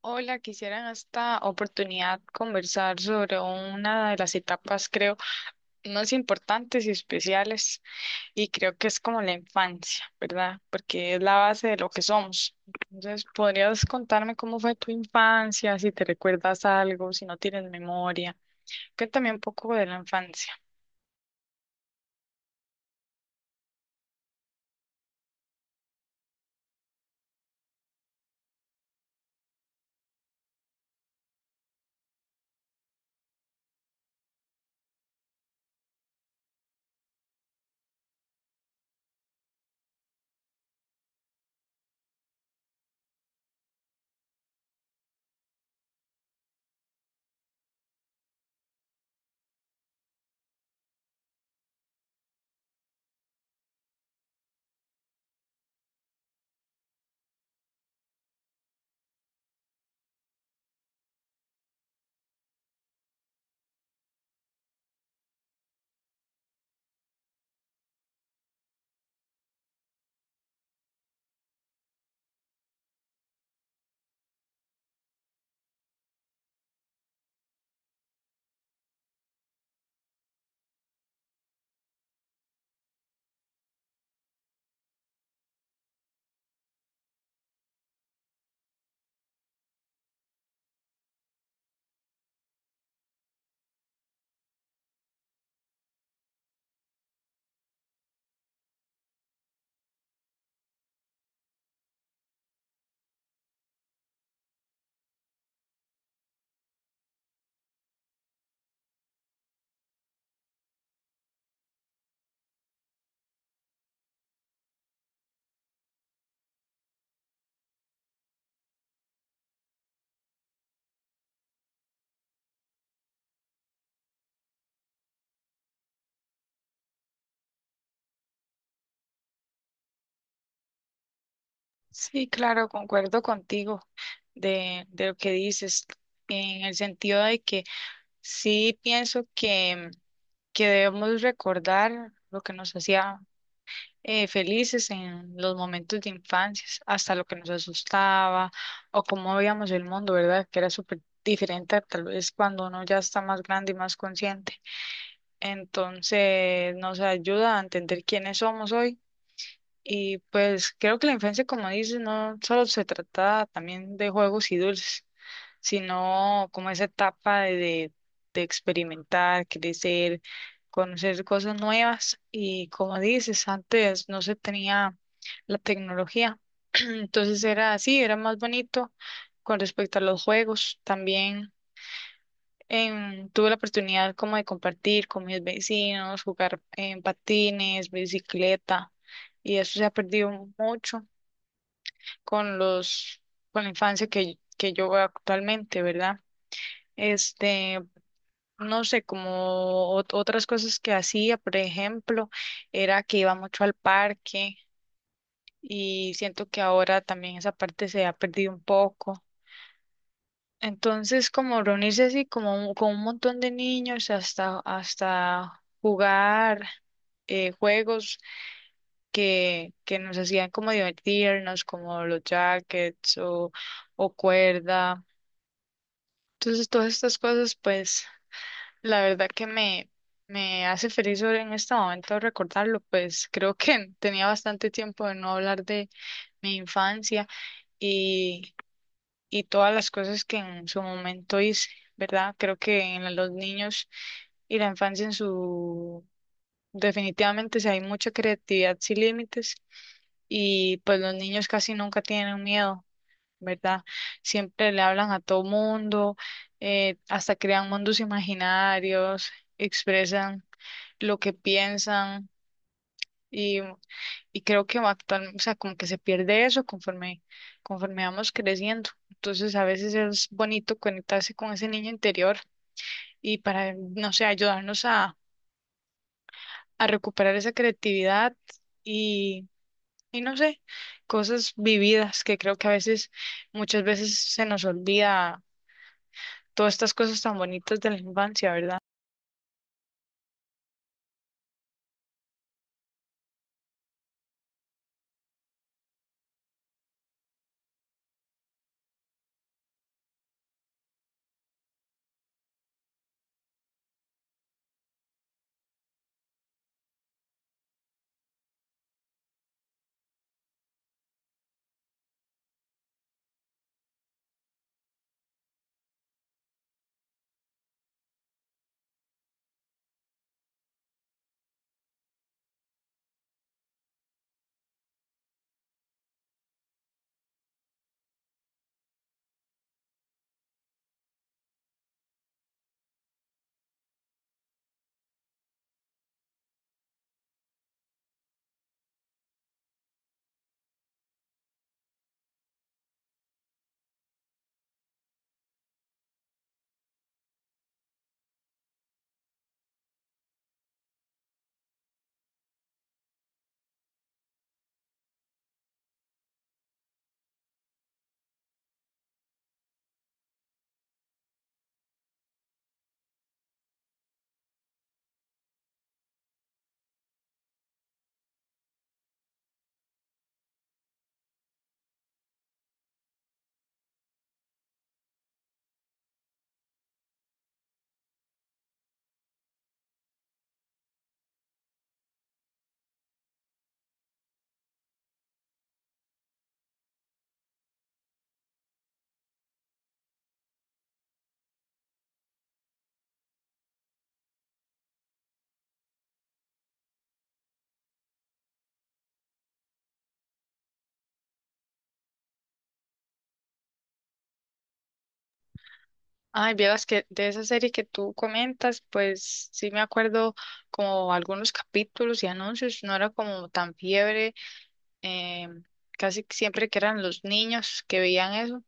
Hola, quisiera en esta oportunidad conversar sobre una de las etapas, creo, más importantes y especiales, y creo que es como la infancia, ¿verdad? Porque es la base de lo que somos. Entonces, ¿podrías contarme cómo fue tu infancia, si te recuerdas algo, si no tienes memoria? Cuéntame un poco de la infancia. Sí, claro, concuerdo contigo de lo que dices, en el sentido de que sí, pienso que debemos recordar lo que nos hacía felices en los momentos de infancia, hasta lo que nos asustaba o cómo veíamos el mundo, ¿verdad? Que era súper diferente a tal vez cuando uno ya está más grande y más consciente. Entonces nos ayuda a entender quiénes somos hoy. Y pues creo que la infancia, como dices, no solo se trata también de juegos y dulces, sino como esa etapa de experimentar, crecer, conocer cosas nuevas. Y como dices, antes no se tenía la tecnología. Entonces era así, era más bonito con respecto a los juegos también. Tuve la oportunidad como de compartir con mis vecinos, jugar en patines, bicicleta, y eso se ha perdido mucho con los, con la infancia que yo veo actualmente, ¿verdad? Este, no sé, como otras cosas que hacía, por ejemplo, era que iba mucho al parque y siento que ahora también esa parte se ha perdido un poco. Entonces, como reunirse así, como con un montón de niños, hasta jugar juegos que nos hacían como divertirnos, como los jackets o cuerda. Entonces, todas estas cosas, pues, la verdad que me hace feliz ahora en este momento recordarlo, pues creo que tenía bastante tiempo de no hablar de mi infancia y todas las cosas que en su momento hice, ¿verdad? Creo que en los niños y la infancia en su... Definitivamente, si hay mucha creatividad sin límites y pues los niños casi nunca tienen miedo, ¿verdad? Siempre le hablan a todo mundo, hasta crean mundos imaginarios, expresan lo que piensan y creo que va actual, o sea, como que se pierde eso conforme vamos creciendo. Entonces, a veces es bonito conectarse con ese niño interior y para, no sé, ayudarnos a recuperar esa creatividad y, y no sé, cosas vividas que creo que muchas veces se nos olvida todas estas cosas tan bonitas de la infancia, ¿verdad? Ay, vieras que de esa serie que tú comentas, pues sí me acuerdo como algunos capítulos y anuncios, no era como tan fiebre, eh, casi siempre que eran los niños que veían eso,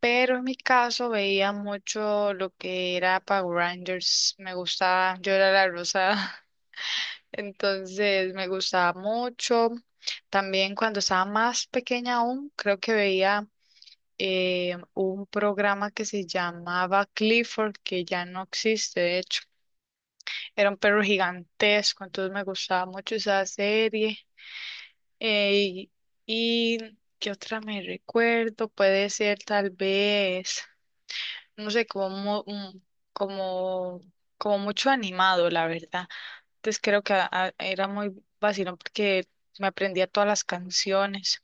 pero en mi caso veía mucho lo que era Power Rangers, me gustaba, yo era la rosada, entonces me gustaba mucho. También cuando estaba más pequeña aún, creo que veía un programa que se llamaba Clifford, que ya no existe, de hecho, era un perro gigantesco, entonces me gustaba mucho esa serie. Eh, y qué otra me recuerdo, puede ser tal vez, no sé, como, como, como mucho animado, la verdad. Entonces creo que era muy vacilón porque me aprendía todas las canciones.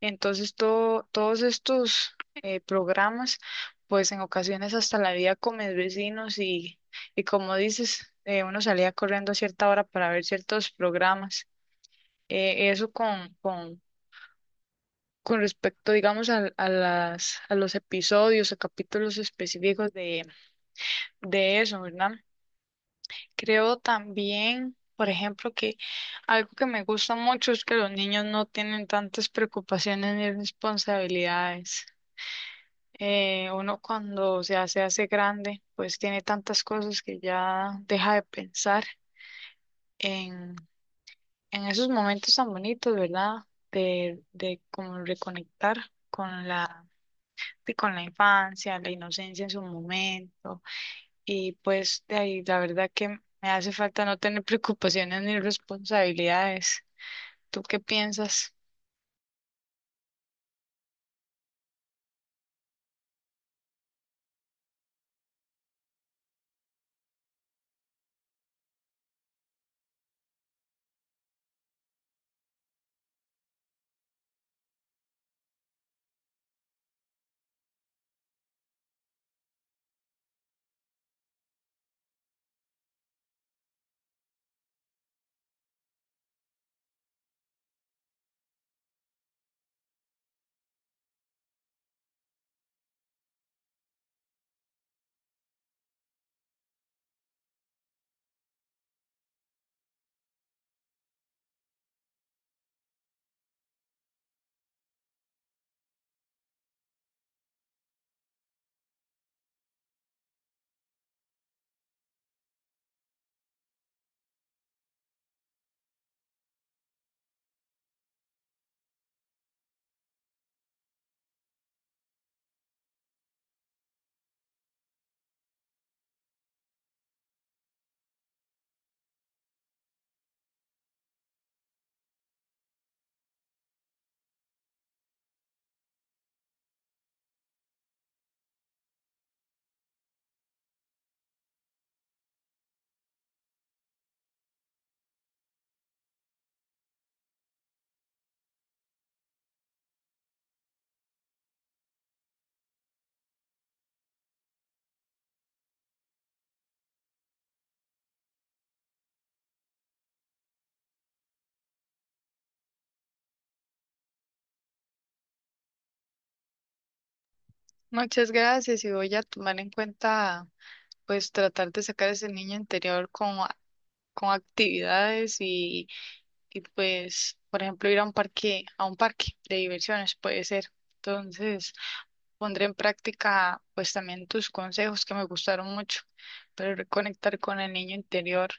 Entonces todos estos programas, pues en ocasiones hasta la vida con mis vecinos y como dices, uno salía corriendo a cierta hora para ver ciertos programas, eso con respecto, digamos, a las, a los episodios o capítulos específicos de eso, ¿verdad? Creo también, por ejemplo, que algo que me gusta mucho es que los niños no tienen tantas preocupaciones ni responsabilidades. Uno cuando ya se hace grande, pues tiene tantas cosas que ya deja de pensar en, en esos momentos tan bonitos, ¿verdad? De como reconectar con la y con la infancia, la inocencia en su momento. Y pues de ahí la verdad que me hace falta no tener preocupaciones ni responsabilidades. ¿Tú qué piensas? Muchas gracias y voy a tomar en cuenta pues tratar de sacar ese niño interior con actividades y pues por ejemplo ir a un parque de diversiones puede ser. Entonces pondré en práctica pues también tus consejos que me gustaron mucho, pero reconectar con el niño interior.